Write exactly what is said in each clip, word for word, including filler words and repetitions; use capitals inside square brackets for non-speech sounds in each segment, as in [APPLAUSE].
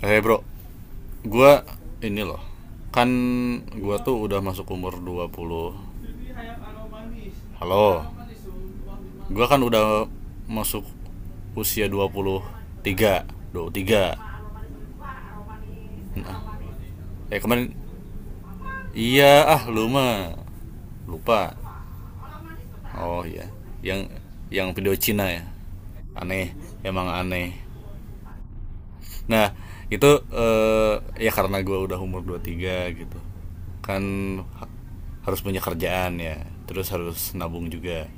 Eh, hey bro, gua ini loh. Kan gua tuh udah masuk umur dua puluh. Halo. Gua kan udah masuk usia dua puluh tiga, dua puluh tiga. Nah, eh kemarin, iya, ah lu mah lupa. Oh iya, yang yang video Cina ya. Aneh, emang aneh. Nah, itu, eh, ya karena gua udah umur dua puluh tiga gitu. Kan ha- harus punya kerjaan ya, terus harus nabung juga.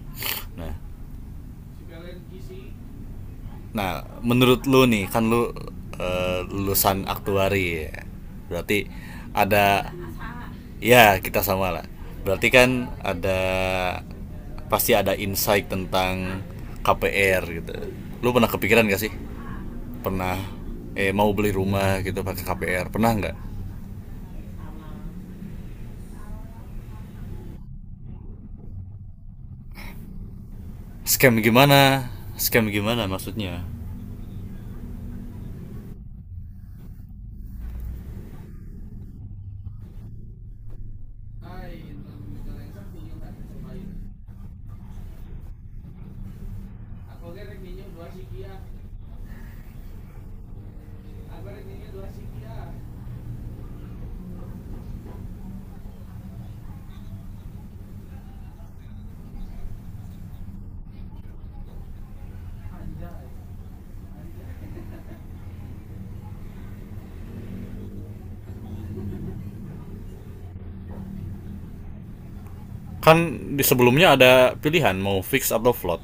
Nah, Nah, menurut lu nih, kan lu, eh, lulusan aktuari ya. Berarti ada, ya kita sama lah. Berarti kan ada, pasti ada insight tentang K P R gitu. Lu pernah kepikiran gak sih? Pernah, eh mau beli rumah gitu pakai K P R? Pernah nggak? Scam gimana? Scam gimana maksudnya? Kan di sebelumnya ada pilihan mau fix atau float.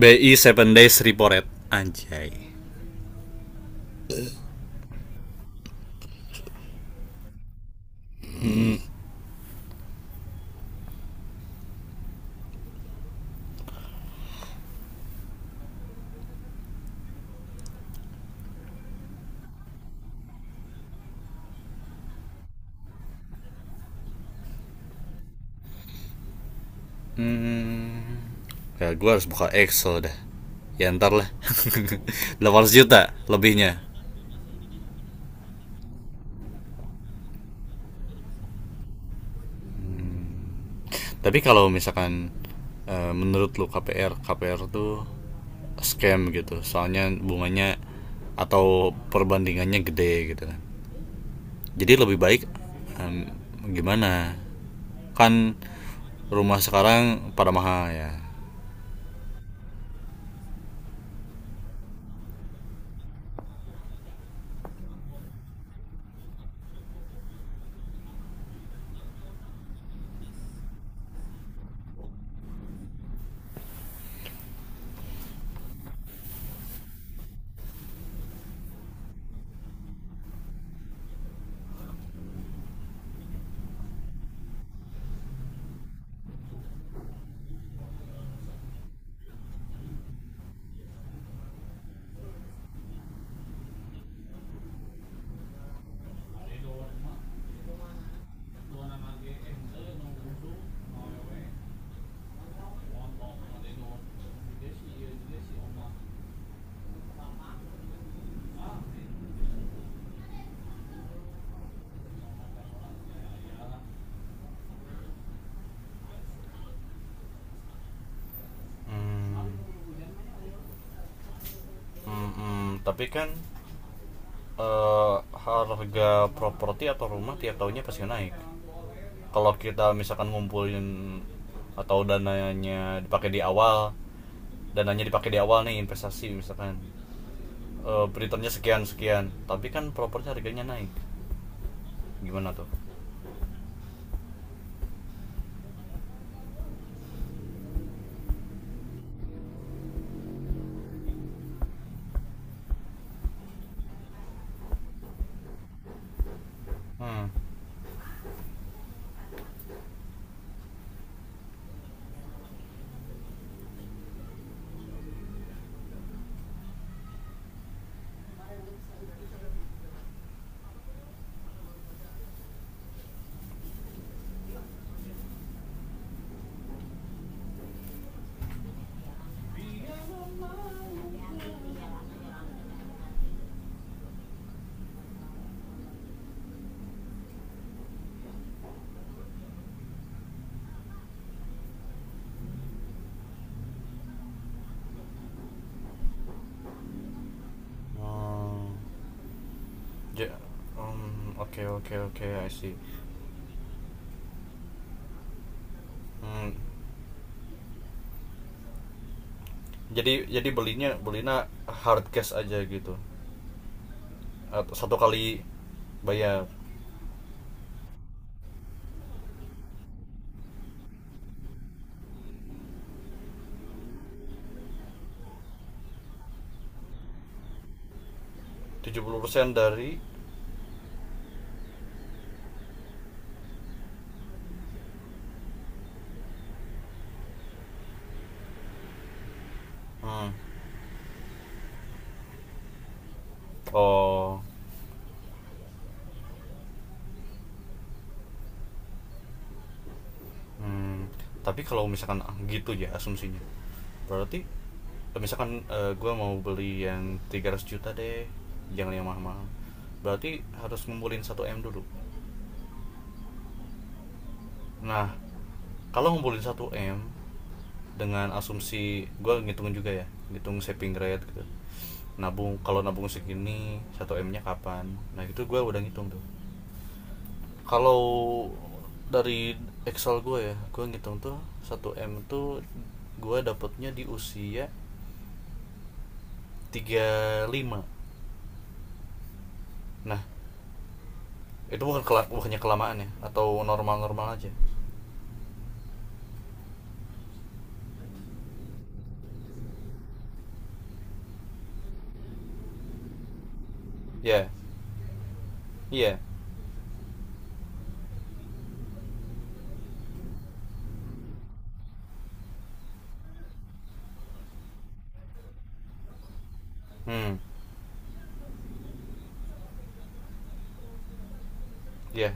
B I seven days repo rate. Anjay. Hmm, ya gue harus buka Excel dah, ya ntar lah [LAUGHS] delapan ratus juta lebihnya. Tapi kalau misalkan, eh, menurut lu K P R K P R tuh scam gitu, soalnya bunganya atau perbandingannya gede gitu kan, jadi lebih baik, em, gimana, kan rumah sekarang pada mahal ya. Hmm, hmm, hmm. Tapi kan, eh, harga properti atau rumah tiap tahunnya pasti naik. Kalau kita misalkan ngumpulin atau dananya dipakai di awal, dananya dipakai di awal nih, investasi misalkan, eh returnnya sekian sekian, tapi kan propornya harganya naik, gimana tuh? Hmm. Hmm. Ja- um, oke oke oke, I see. Hmm, jadi jadi belinya belinya hard cash aja gitu, atau satu kali bayar? Tujuh puluh persen dari? Hmm. Oh. Hmm. Tapi kalau misalkan gitu ya asumsinya, berarti misalkan, uh, gue mau beli yang tiga ratus juta deh, jangan yang mahal-mahal. Berarti harus ngumpulin satu m dulu. Nah, kalau ngumpulin satu m dengan asumsi gue ngitungin juga ya, ngitung saving rate gitu, nabung, kalau nabung segini satu m nya kapan, nah itu gue udah ngitung tuh. Kalau dari Excel gue ya, gue ngitung tuh satu m tuh gue dapetnya di usia tiga puluh lima. Nah, itu bukan kela bukannya kelamaan ya atau normal-normal aja? Ya, iya. Hmm, ya.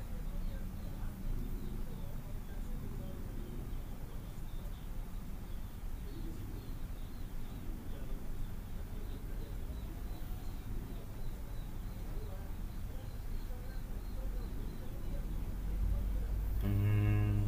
Hmm.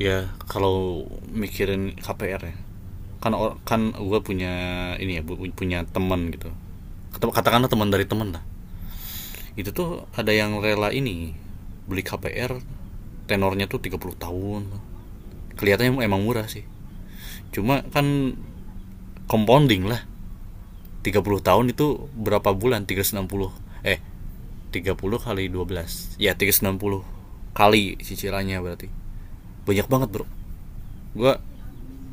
Ya, kalau mikirin K P R ya, kan or- kan gue punya ini ya, bu- punya teman gitu. Ket- Katakanlah teman dari teman lah. Itu tuh ada yang rela ini beli K P R tenornya tuh tiga puluh tahun. Kelihatannya emang murah sih. Cuma kan compounding lah. Tiga puluh tahun itu berapa bulan? Tiga ratus enam puluh. eh Tiga puluh kali dua belas ya tiga ratus enam puluh, kali cicilannya berarti banyak banget bro. Gue,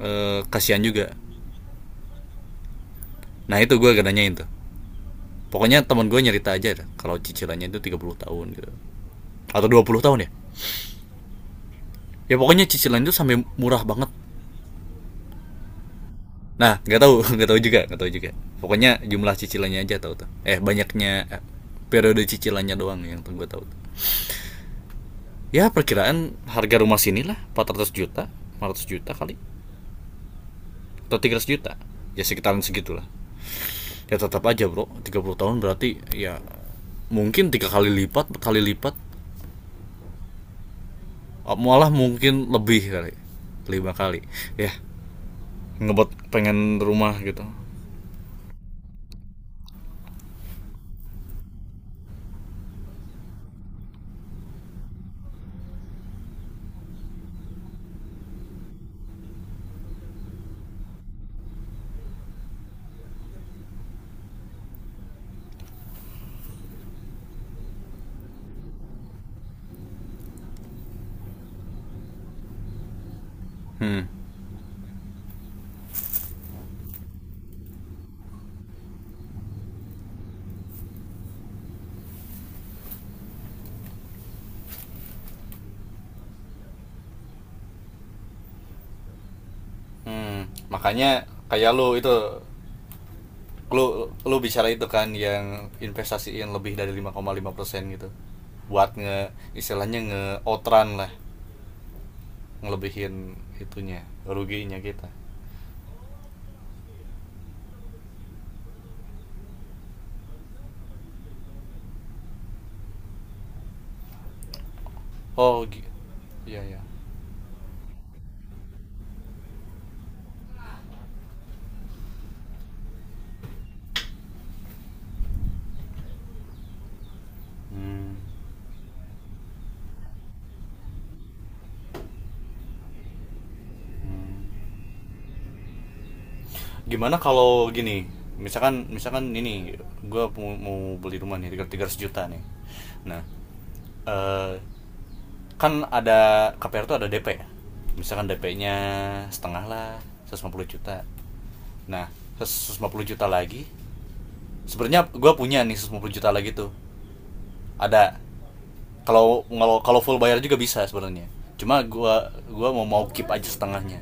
eh, kasihan juga. Nah, itu gue gak nanyain tuh, pokoknya teman gue nyerita aja dah, kalau cicilannya itu tiga puluh tahun gitu atau dua puluh tahun ya, ya pokoknya cicilan itu sampai murah banget. Nah, nggak tahu [LAUGHS] nggak tahu juga, nggak tahu juga. Pokoknya jumlah cicilannya aja tahu tuh, eh banyaknya, eh, periode cicilannya doang yang gue tahu. Ya, perkiraan harga rumah sini lah empat ratus juta, empat ratus juta kali, atau tiga ratus juta, ya sekitaran segitulah. Ya tetap aja bro tiga puluh tahun berarti ya mungkin tiga kali lipat kali lipat, oh malah mungkin lebih kali, lima kali ya. Ngebuat pengen rumah gitu. Hmm. Hmm, makanya kayak lu itu, lu lu bicara itu kan yang investasiin lebih dari lima koma lima persen gitu, buat nge, istilahnya nge outran lah, ngelebihin itunya ruginya kita. Oh iya ya. Hmm. Gimana kalau gini, misalkan misalkan ini gue mau, beli rumah nih tiga ratus juta nih. Nah, eh, kan ada K P R tuh ada D P ya. Misalkan D P-nya setengah lah, seratus lima puluh juta. Nah, seratus lima puluh juta lagi sebenarnya gue punya nih, seratus lima puluh juta lagi tuh ada. Kalau kalau full bayar juga bisa sebenarnya, cuma gua gua mau mau keep aja setengahnya.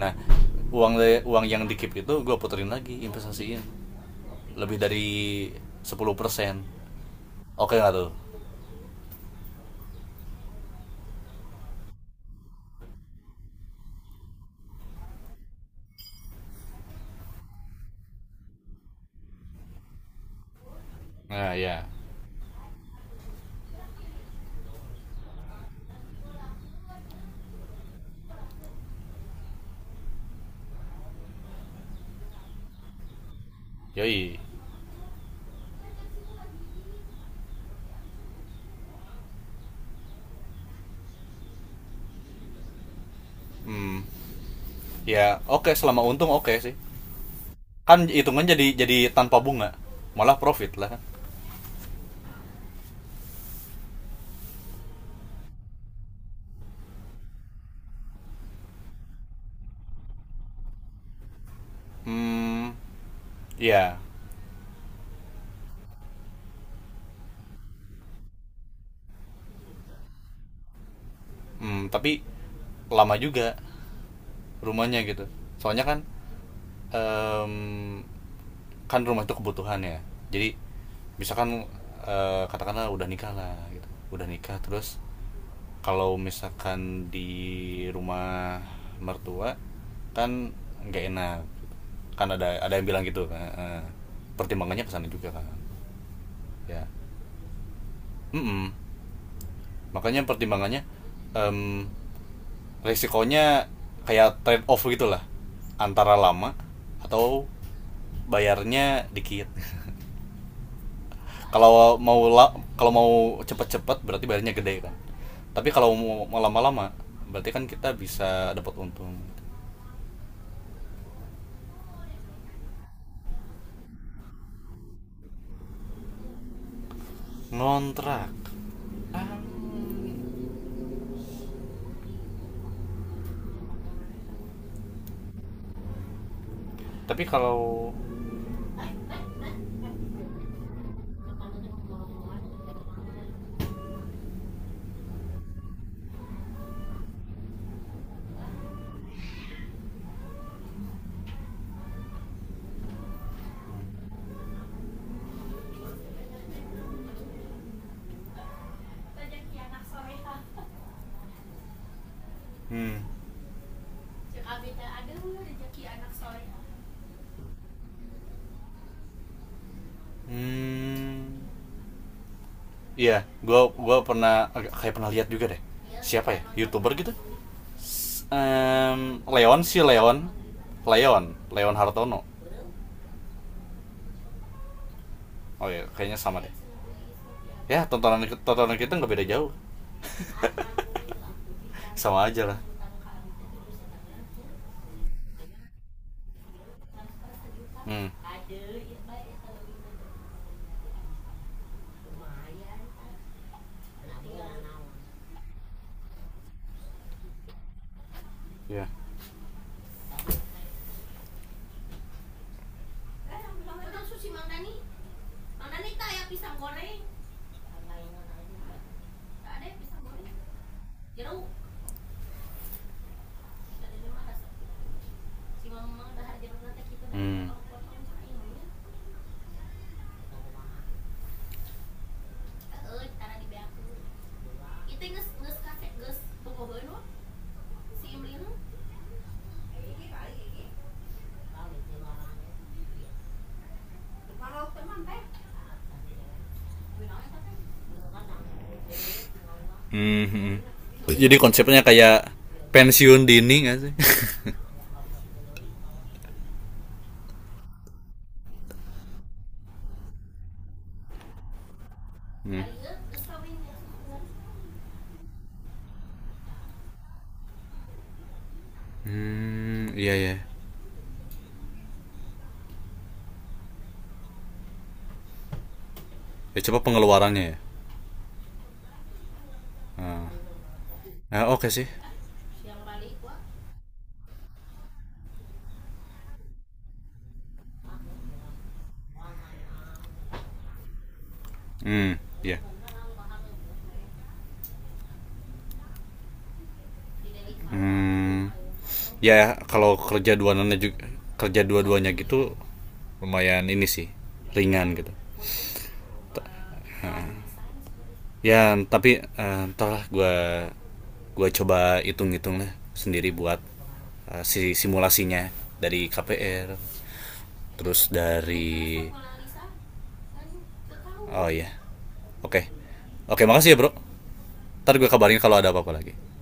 Nah, uang, uang yang di keep itu gua puterin lagi, investasiin lebih dari sepuluh persen. Oke nggak tuh? Nah, ya. Yoi. hmm Ya oke, selama untung oke sih. Kan hitungan jadi jadi tanpa bunga, malah profit lah kan. Hmm ya. Hmm tapi lama juga rumahnya gitu, soalnya kan, em, kan rumah itu kebutuhan ya, jadi misalkan, eh, katakanlah udah nikah lah gitu, udah nikah. Terus kalau misalkan di rumah mertua kan nggak enak gitu. Kan ada ada yang bilang gitu kan, eh, pertimbangannya kesana juga kan ya. Mm-mm. Makanya pertimbangannya, em, resikonya kayak trade off gitulah antara lama atau bayarnya dikit. Kalau mau la- kalau mau cepet-cepet berarti bayarnya gede kan. Tapi kalau mau lama-lama berarti kan kita bisa dapat untung. Ngontrak. Ah. Tapi kalau. hmm, hmm iya, gua gua pernah, kayak pernah lihat juga deh. Siapa ya? YouTuber gitu. Em, Leon, si Leon. Leon, Leon Hartono. Oh iya, kayaknya sama deh. Ya, tontonan tontonan kita nggak beda jauh. [LAUGHS] Sama aja lah. Hmm, iya. Hmm. Hmm, hmm. Jadi konsepnya kayak pensiun dini nggak sih? [LAUGHS] Hmm. Hmm, iya ya. Ya, coba pengeluarannya ya. Ah. Nah, oke okay sih. Hmm, iya. Yeah. Hmm. Ya yeah, kalau kerja dua duanannya juga, kerja dua-duanya gitu lumayan ini sih, ringan gitu. Ya, tapi, eh, entahlah gue gua coba hitung-hitung lah sendiri buat, eh, si simulasinya dari K P R, terus dari. Oh iya. Oke. Oke, makasih ya, Bro. Ntar gue kabarin kalau ada apa-apa lagi.